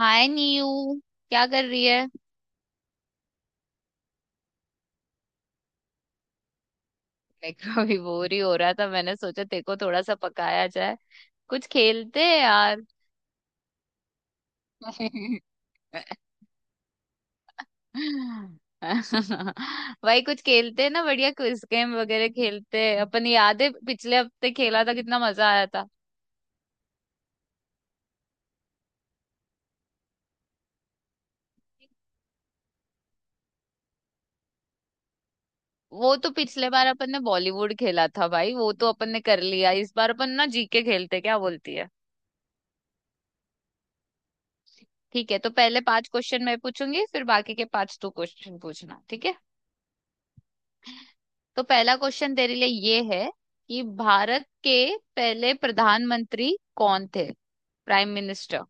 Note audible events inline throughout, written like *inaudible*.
हाय नीयू। क्या कर रही है? मैं *laughs* अभी बोर ही हो रहा था। मैंने सोचा तेरे को थोड़ा सा पकाया जाए। कुछ खेलते हैं यार। *laughs* भाई कुछ खेलते हैं ना। बढ़िया क्विज गेम वगैरह खेलते हैं अपन। याद है पिछले हफ्ते खेला था, कितना मजा आया था। वो तो पिछले बार अपन ने बॉलीवुड खेला था भाई, वो तो अपन ने कर लिया। इस बार अपन ना जीके खेलते हैं, क्या बोलती है? ठीक है, तो पहले पांच क्वेश्चन मैं पूछूंगी, फिर बाकी के पांच तू क्वेश्चन पूछना, ठीक है? तो पहला क्वेश्चन तेरे लिए ये है कि भारत के पहले प्रधानमंत्री कौन थे, प्राइम मिनिस्टर?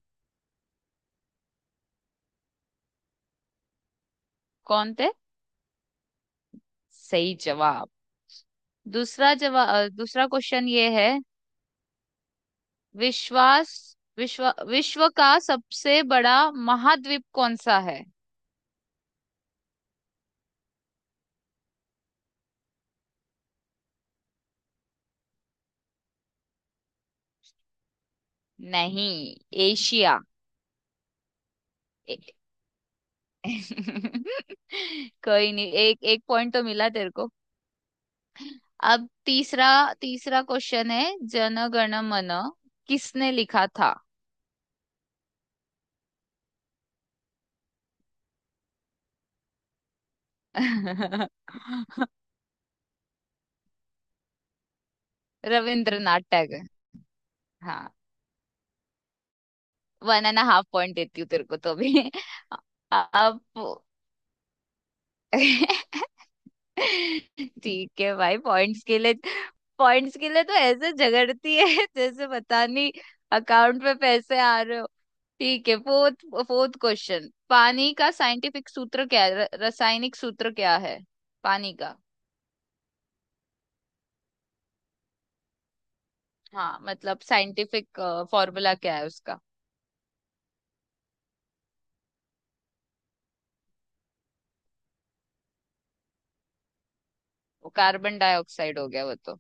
कौन थे? सही जवाब। दूसरा क्वेश्चन ये है। विश्वास विश्व का सबसे बड़ा महाद्वीप कौन सा है? नहीं, एशिया। ए- *laughs* कोई नहीं, एक एक पॉइंट तो मिला तेरे को। अब तीसरा तीसरा क्वेश्चन है। जन गण मन किसने लिखा था? *laughs* रविंद्रनाथ टैगोर। हाँ, वन एंड हाफ पॉइंट देती हूँ तेरे को तो अभी। *laughs* अब। *laughs* ठीक है भाई, पॉइंट्स के लिए तो ऐसे झगड़ती है *laughs* जैसे पता नहीं अकाउंट में पैसे आ रहे हो। ठीक है, फोर्थ फोर्थ क्वेश्चन। पानी का साइंटिफिक सूत्र क्या है? रासायनिक सूत्र क्या है? पानी का। हाँ, मतलब साइंटिफिक फॉर्मूला क्या है उसका? वो कार्बन डाइऑक्साइड हो गया वो तो।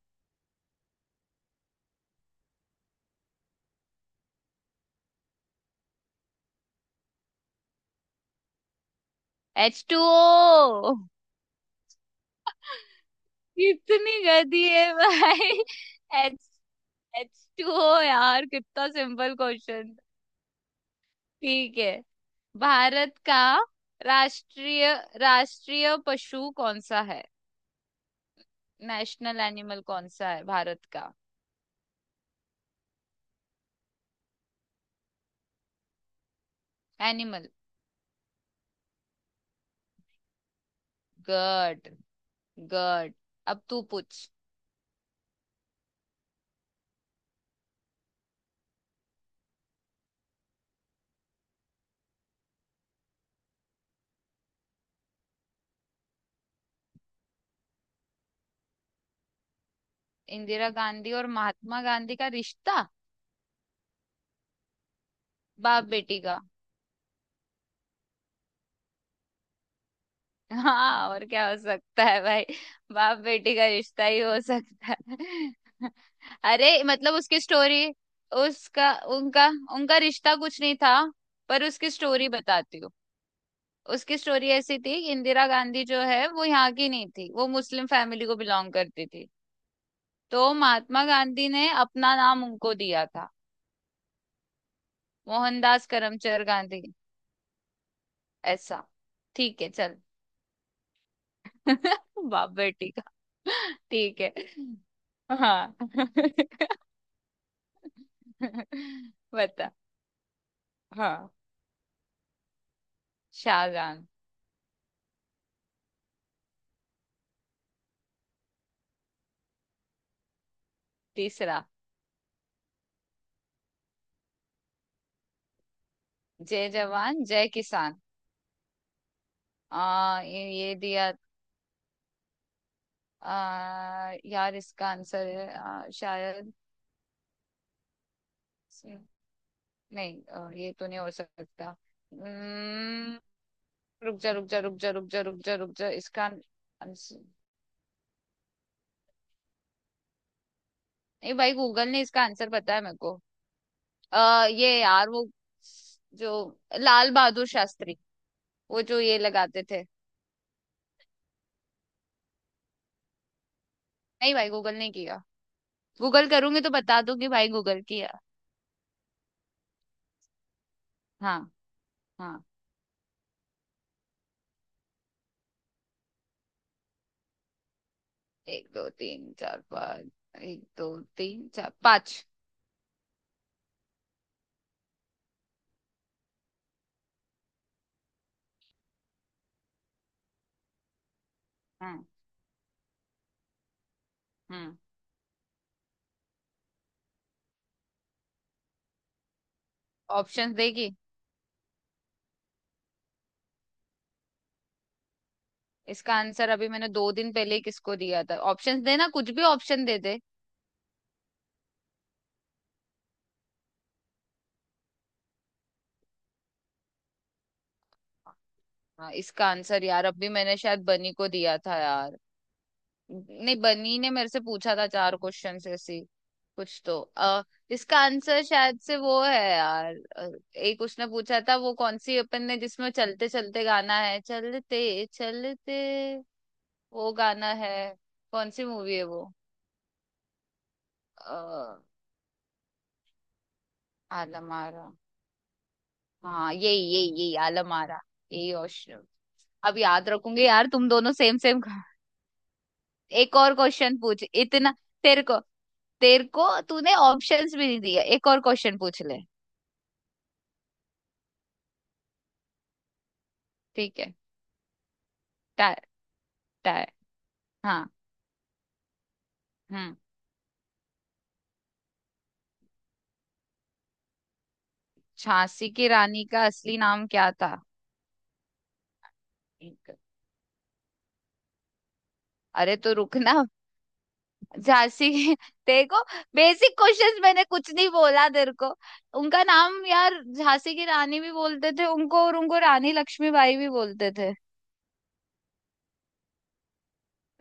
एच टू ओ, कितनी गंदी है भाई। एच एच टू ओ यार, कितना सिंपल क्वेश्चन। ठीक है। भारत का राष्ट्रीय राष्ट्रीय पशु कौन सा है? नेशनल एनिमल कौन सा है भारत का? एनिमल। गड, गड। अब तू पूछ। इंदिरा गांधी और महात्मा गांधी का रिश्ता? बाप बेटी का। हाँ, और क्या हो सकता है भाई, बाप बेटी का रिश्ता ही हो सकता है। अरे मतलब उसकी स्टोरी। उसका उनका उनका रिश्ता कुछ नहीं था। पर उसकी स्टोरी बताती हूँ। उसकी स्टोरी ऐसी थी कि इंदिरा गांधी जो है वो यहाँ की नहीं थी, वो मुस्लिम फैमिली को बिलोंग करती थी। तो महात्मा गांधी ने अपना नाम उनको दिया था, मोहनदास करमचंद गांधी। ऐसा। ठीक है, चल। *laughs* बाप बेटी का। ठीक है। हाँ *laughs* बता। हाँ, शाहजहां। तीसरा। जय जवान जय किसान। आ ये दिया। यार, इसका आंसर है। शायद नहीं। ये तो नहीं हो सकता। उम्म, रुक जा रुक जा रुक जा रुक जा रुक जा रुक जा, इसका आंसर। नहीं भाई, गूगल ने इसका आंसर बताया मेरे को। ये यार वो जो लाल बहादुर शास्त्री। वो जो ये लगाते थे। नहीं भाई, गूगल नहीं किया। गूगल करूंगी तो बता दूंगी भाई, गूगल किया। हाँ हाँ। एक दो तीन चार पाँच, एक दो तीन चार पाँच। हम्म, हम्म। ऑप्शंस देगी? इसका आंसर अभी मैंने 2 दिन पहले ही किसको दिया था। ऑप्शंस देना, कुछ भी ऑप्शन दे दे। हाँ, इसका आंसर यार अभी मैंने शायद बनी को दिया था यार। नहीं, बनी ने मेरे से पूछा था चार क्वेश्चन ऐसी। कुछ तो इसका आंसर शायद से वो है यार। एक उसने पूछा था, वो कौन सी अपन ने जिसमें चलते चलते गाना है। चलते चलते वो गाना है, कौन सी मूवी है वो? अ, आलम आरा। हाँ यही यही यही, आलम आरा। यही ऑप्शन। अब याद रखूंगी यार, तुम दोनों सेम सेम। एक और क्वेश्चन पूछ इतना। तेरे को तेरे को तूने ऑप्शंस भी नहीं दिया, एक और क्वेश्चन पूछ ले। ठीक है। टै टै हाँ। हम्म, झांसी की रानी का असली नाम क्या था? ठीक है। अरे तो रुकना। झांसी की देखो, बेसिक क्वेश्चंस मैंने कुछ नहीं बोला तेरे को। उनका नाम यार, झांसी की रानी भी बोलते थे उनको, और उनको रानी लक्ष्मीबाई भी बोलते थे।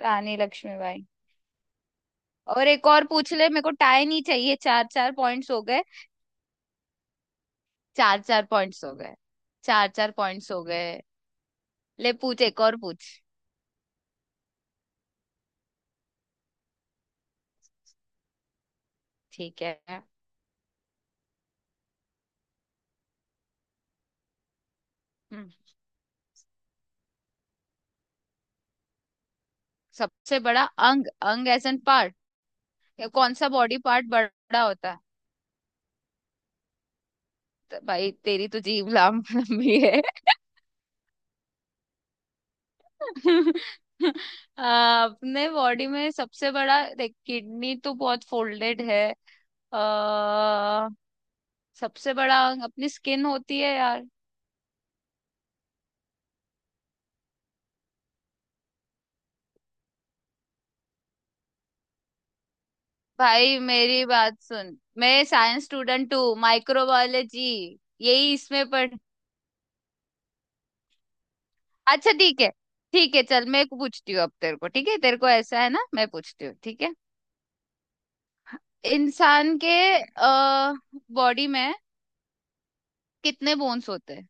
रानी लक्ष्मीबाई। और एक और पूछ ले, मेरे को टाई नहीं चाहिए। चार चार पॉइंट्स हो गए। चार चार पॉइंट्स हो गए। चार चार पॉइंट्स हो गए। ले पूछ, एक और पूछ। ठीक है। हम्म, सबसे बड़ा अंग। अंग एज एन पार्ट, या कौन सा बॉडी पार्ट बड़ा होता है? तो भाई, तेरी तो जीभ लंबी है। *laughs* अपने बॉडी में सबसे बड़ा देख, किडनी तो बहुत फोल्डेड है। आ, सबसे बड़ा अंग अपनी स्किन होती है यार। भाई मेरी बात सुन, मैं साइंस स्टूडेंट हूँ। माइक्रोबायोलॉजी, यही इसमें पढ़। अच्छा। ठीक है। ठीक है चल, मैं पूछती हूँ अब तेरे को, ठीक है? तेरे को ऐसा है ना, मैं पूछती हूँ, ठीक है? इंसान के बॉडी में कितने बोन्स होते हैं?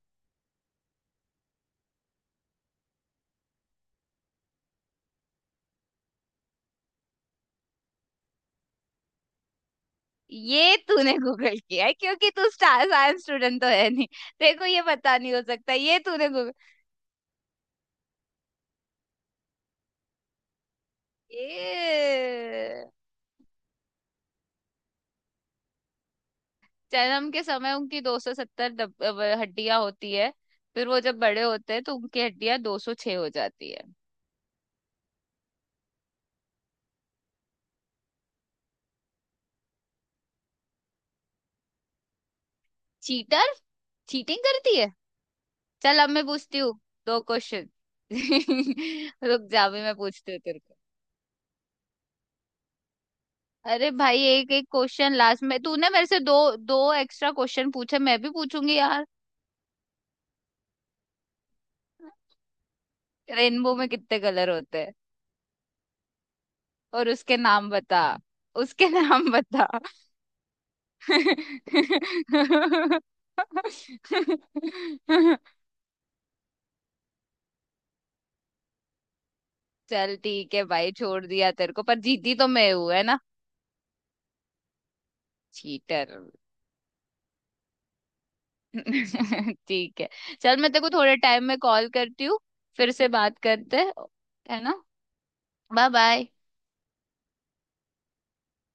ये तूने गूगल किया है, क्योंकि तू साइंस स्टूडेंट तो है नहीं। देखो, ये पता नहीं हो सकता, ये तूने गूगल। ये, जन्म के समय उनकी 270 हड्डियां होती है। फिर वो जब बड़े होते हैं तो उनकी हड्डियां 206 हो जाती है। चीटर, चीटिंग करती है। चल, अब मैं पूछती हूँ दो क्वेश्चन। *laughs* रुक जा, अभी मैं पूछती हूँ तेरे। अरे भाई, एक एक क्वेश्चन लास्ट में तूने मेरे से दो दो एक्स्ट्रा क्वेश्चन पूछे, मैं भी पूछूंगी यार। रेनबो में कितने कलर होते हैं, और उसके नाम बता। उसके *laughs* नाम बता। चल ठीक है भाई, छोड़ दिया तेरे को, पर जीती तो मैं हूं, है ना? चीटर *laughs* ठीक है, चल मैं तेरे को थोड़े टाइम में कॉल करती हूँ। फिर से बात करते हैं, है ना? Bye bye.